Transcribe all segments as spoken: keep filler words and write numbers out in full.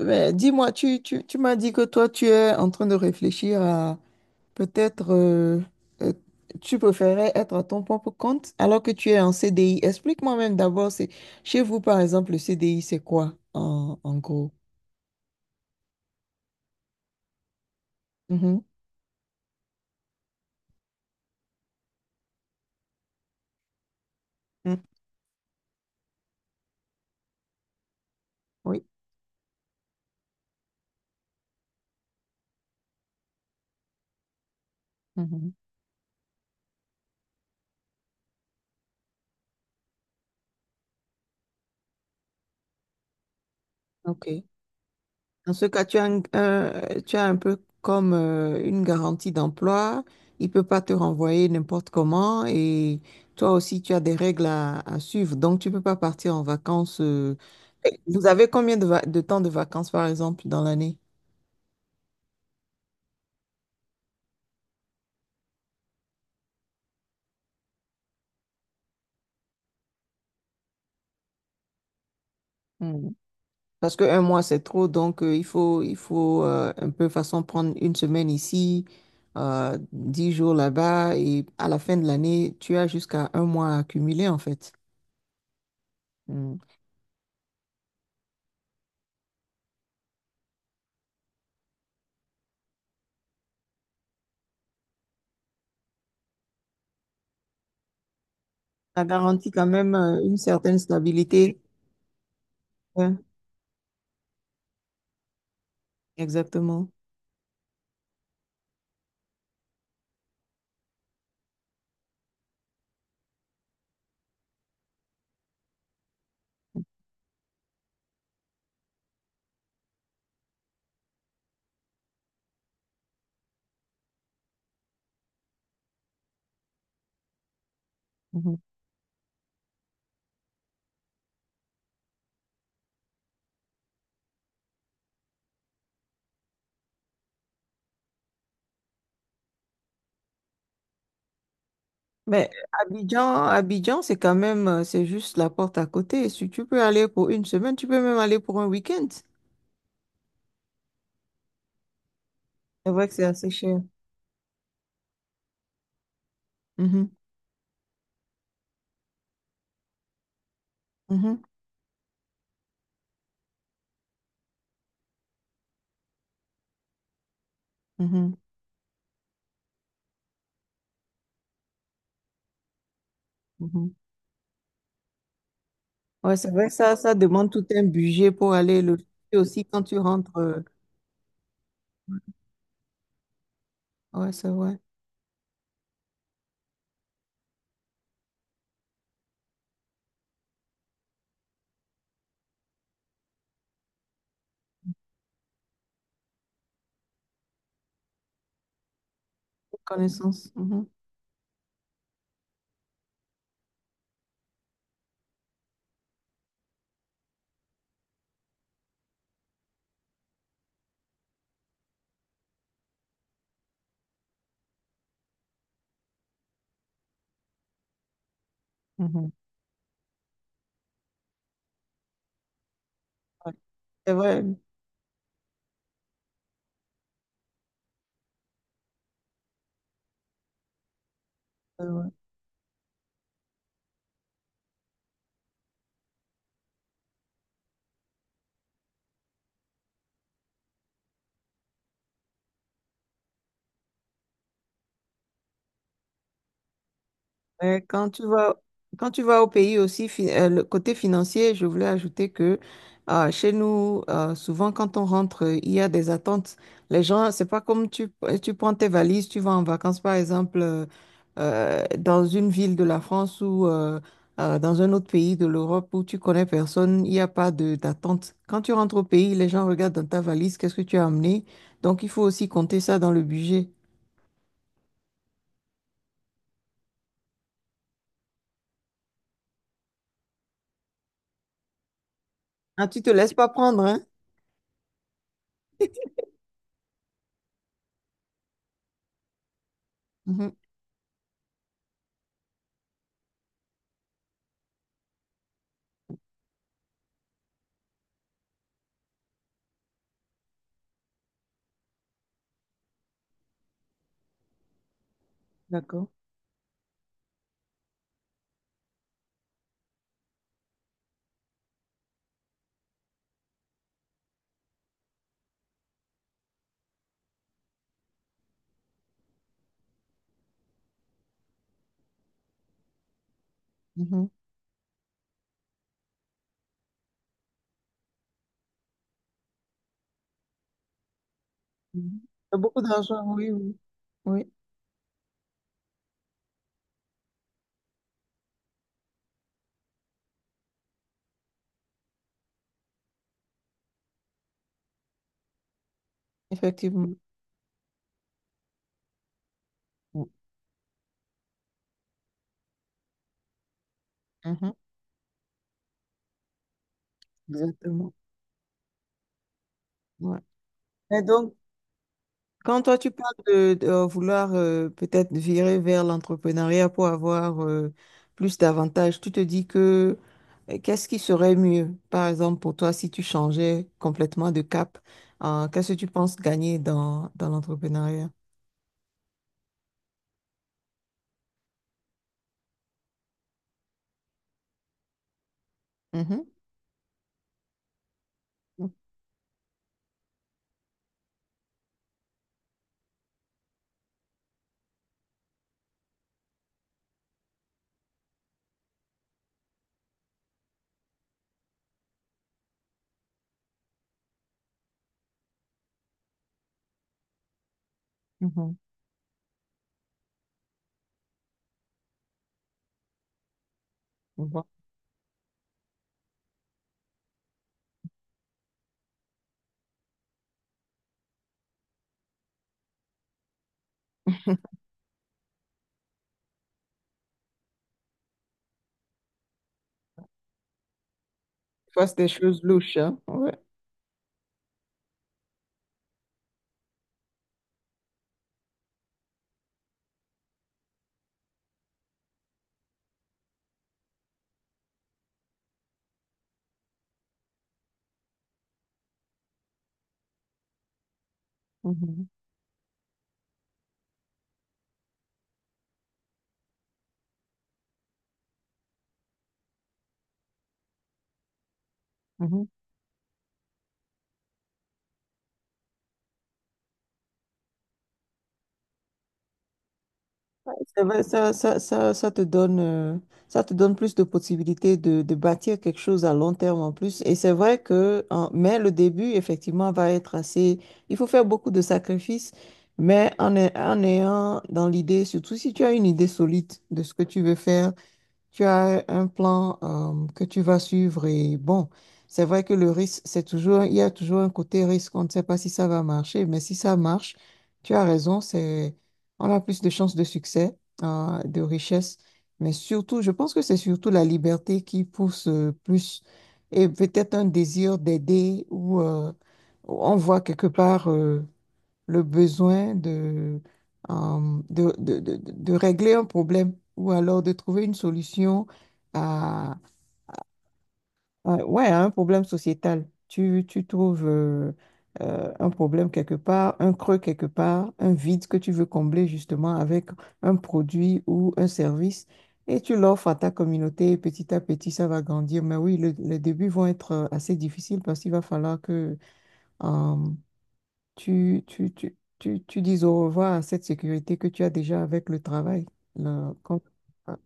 Mais dis-moi, tu, tu, tu m'as dit que toi, tu es en train de réfléchir à peut-être, euh, euh, tu préférais être à ton propre compte alors que tu es en C D I. Explique-moi même d'abord, c'est chez vous, par exemple, le C D I, c'est quoi en, en gros? Mhm. Mm. Oui. Mhm. OK. Dans ce cas, tu as un, un- tu as un peu comme euh, une garantie d'emploi. Il peut pas te renvoyer n'importe comment et toi aussi, tu as des règles à, à suivre. Donc, tu peux pas partir en vacances. euh. Et vous avez combien de, va- de temps de vacances, par exemple, dans l'année? Hmm. Parce que un mois, c'est trop. Donc, euh, il faut, il faut euh, un peu façon prendre une semaine ici, euh, dix jours là-bas et à la fin de l'année, tu as jusqu'à un mois à accumuler, en fait. Ça garantit quand même euh, une certaine stabilité. Ouais, exactement. Mhm. Mais Abidjan, Abidjan, c'est quand même, euh, c'est juste la porte à côté. Si tu peux aller pour une semaine, tu peux même aller pour un week-end. C'est vrai que c'est assez cher. Mhm, mhm, mhm, mhm. Ouais, c'est vrai que ça, ça demande tout un budget pour aller le et aussi quand tu rentres. euh, Ouais, c'est vrai. Connaissance. Mhm, mhm. Ouais, c'est vrai. Ouais, quand tu vas, Quand tu vas au pays aussi, fi- euh, le côté financier, je voulais ajouter que euh, chez nous, euh, souvent quand on rentre, euh, il y a des attentes. Les gens, c'est pas comme tu, euh, tu prends tes valises, tu vas en vacances, par exemple, euh, euh, dans une ville de la France ou euh, euh, dans un autre pays de l'Europe où tu connais personne, il n'y a pas de d'attente. Quand tu rentres au pays, les gens regardent dans ta valise, qu'est-ce que tu as amené. Donc, il faut aussi compter ça dans le budget. Ah, tu te laisses pas prendre, hein? D'accord. Mhm. Mhm. Il y a beaucoup d'argent, oui, oui. Oui, effectivement. Mhm. Exactement. Ouais. Et donc, quand toi, tu parles de, de, euh, vouloir euh, peut-être virer vers l'entrepreneuriat pour avoir euh, plus d'avantages, tu te dis que euh, qu'est-ce qui serait mieux, par exemple, pour toi, si tu changeais complètement de cap, euh, qu'est-ce que tu penses gagner dans, dans l'entrepreneuriat? Mhm. Mhm. Mhm. Je vois. Toi, c'est des choses louches, hein? Ouais. Mhm, mhm. C'est vrai, ça, ça, ça, ça te donne, euh, ça te donne plus de possibilités de, de bâtir quelque chose à long terme en plus. Et c'est vrai que, en- mais le début, effectivement, va être assez, il faut faire beaucoup de sacrifices, mais en, ai- en ayant dans l'idée, surtout si tu as une idée solide de ce que tu veux faire, tu as un plan euh, que tu vas suivre et bon, c'est vrai que le risque, c'est toujours, il y a toujours un côté risque, on ne sait pas si ça va marcher, mais si ça marche, tu as raison, c'est, on a plus de chances de succès, euh, de richesse, mais surtout, je pense que c'est surtout la liberté qui pousse euh, plus et peut-être un désir d'aider ou euh, on voit quelque part. Euh, le besoin de, euh, de, de, de- de- de régler un problème ou alors de trouver une solution à, à- ouais, à un problème sociétal. Tu, tu trouves euh, euh, un problème quelque part, un creux quelque part, un vide que tu veux combler justement avec un produit ou un service et tu l'offres à ta communauté et petit à petit ça va grandir. Mais oui, le- les débuts vont être euh, assez difficiles parce qu'il va falloir que euh, tu, tu, tu, tu, tu dises au revoir à cette sécurité que tu as déjà avec le travail. là, quand- Ah,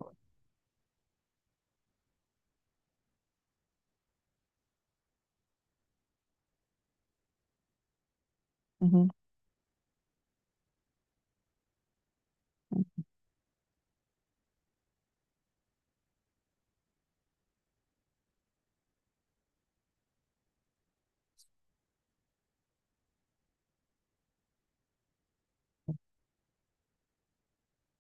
mhm.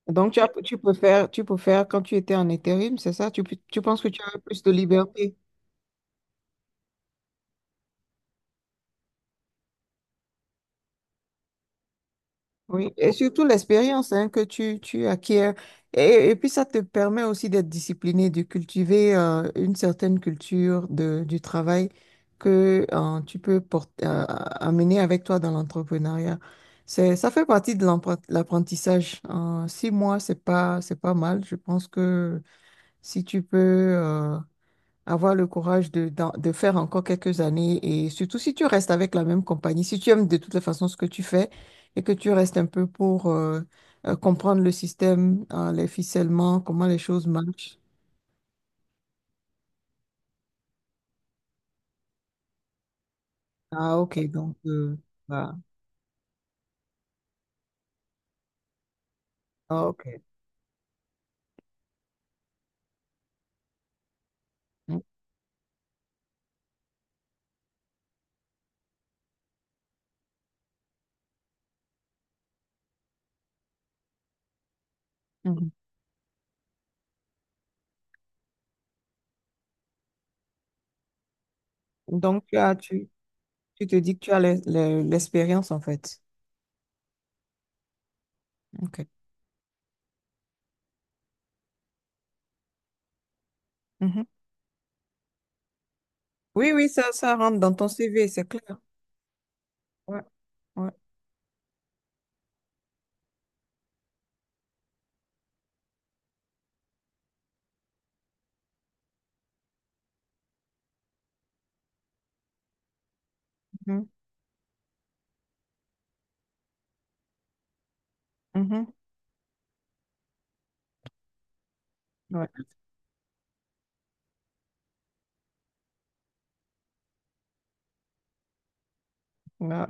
Donc, tu as- tu préfères, tu préfères quand tu étais en intérim, c'est ça? Tu, tu penses que tu avais plus de liberté? Oui, et surtout l'expérience hein, que tu, tu acquiers. Et, et puis ça te permet aussi d'être discipliné, de cultiver euh, une certaine culture de, du travail que euh, tu peux porter, euh, amener avec toi dans l'entrepreneuriat. C'est, ça fait partie de l'empre- l'apprentissage. Euh, six mois, c'est pas, c'est pas mal. Je pense que si tu peux euh, avoir le courage de, d'en- de faire encore quelques années et surtout si tu restes avec la même compagnie, si tu aimes de toutes les façons ce que tu fais et que tu restes un peu pour euh, euh, comprendre le système, hein, les ficellements, comment les choses marchent. Ah, ok, donc, euh, voilà. Ah, ok. Mm, mhm. Donc, tu as- tu, tu te dis que tu as l'e- l'e- l'expérience en fait. Ok. Mhm. Oui, oui, ça, ça rentre dans ton C V, c'est clair. Ouais, ouais. Mhm, mhm, ouais, ouais,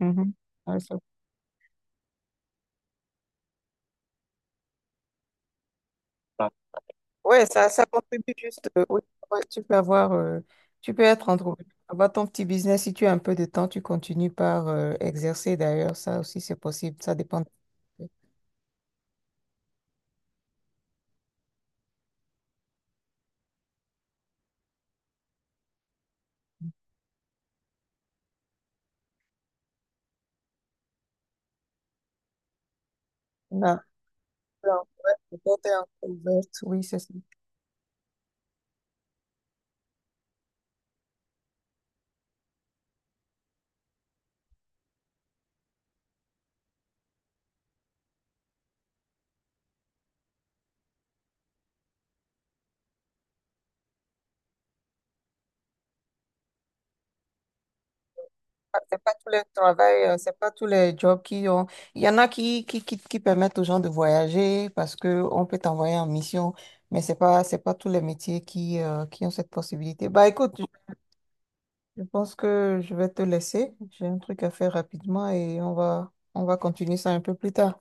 mhm. Ouais, ça- Ouais, ça, ça contribue juste. Euh, oui, ouais, tu peux avoir, euh, tu peux être entrepreneur, avoir ton petit business. Si tu as un peu de temps, tu continues par euh, exercer. D'ailleurs, ça aussi, c'est possible. Ça dépend. De- Non, non, ouais, la porte est encore ouverte. Oui, c'est ça. C'est pas tous les travail, euh, c'est pas tous les jobs qui ont. Il y en a qui, qui, qui, qui permettent aux gens de voyager parce que on peut t'envoyer en mission, mais c'est pas, c'est pas tous les métiers qui, euh, qui ont cette possibilité. Bah écoute, je je pense que je vais te laisser. J'ai un truc à faire rapidement et on va, on va continuer ça un peu plus tard.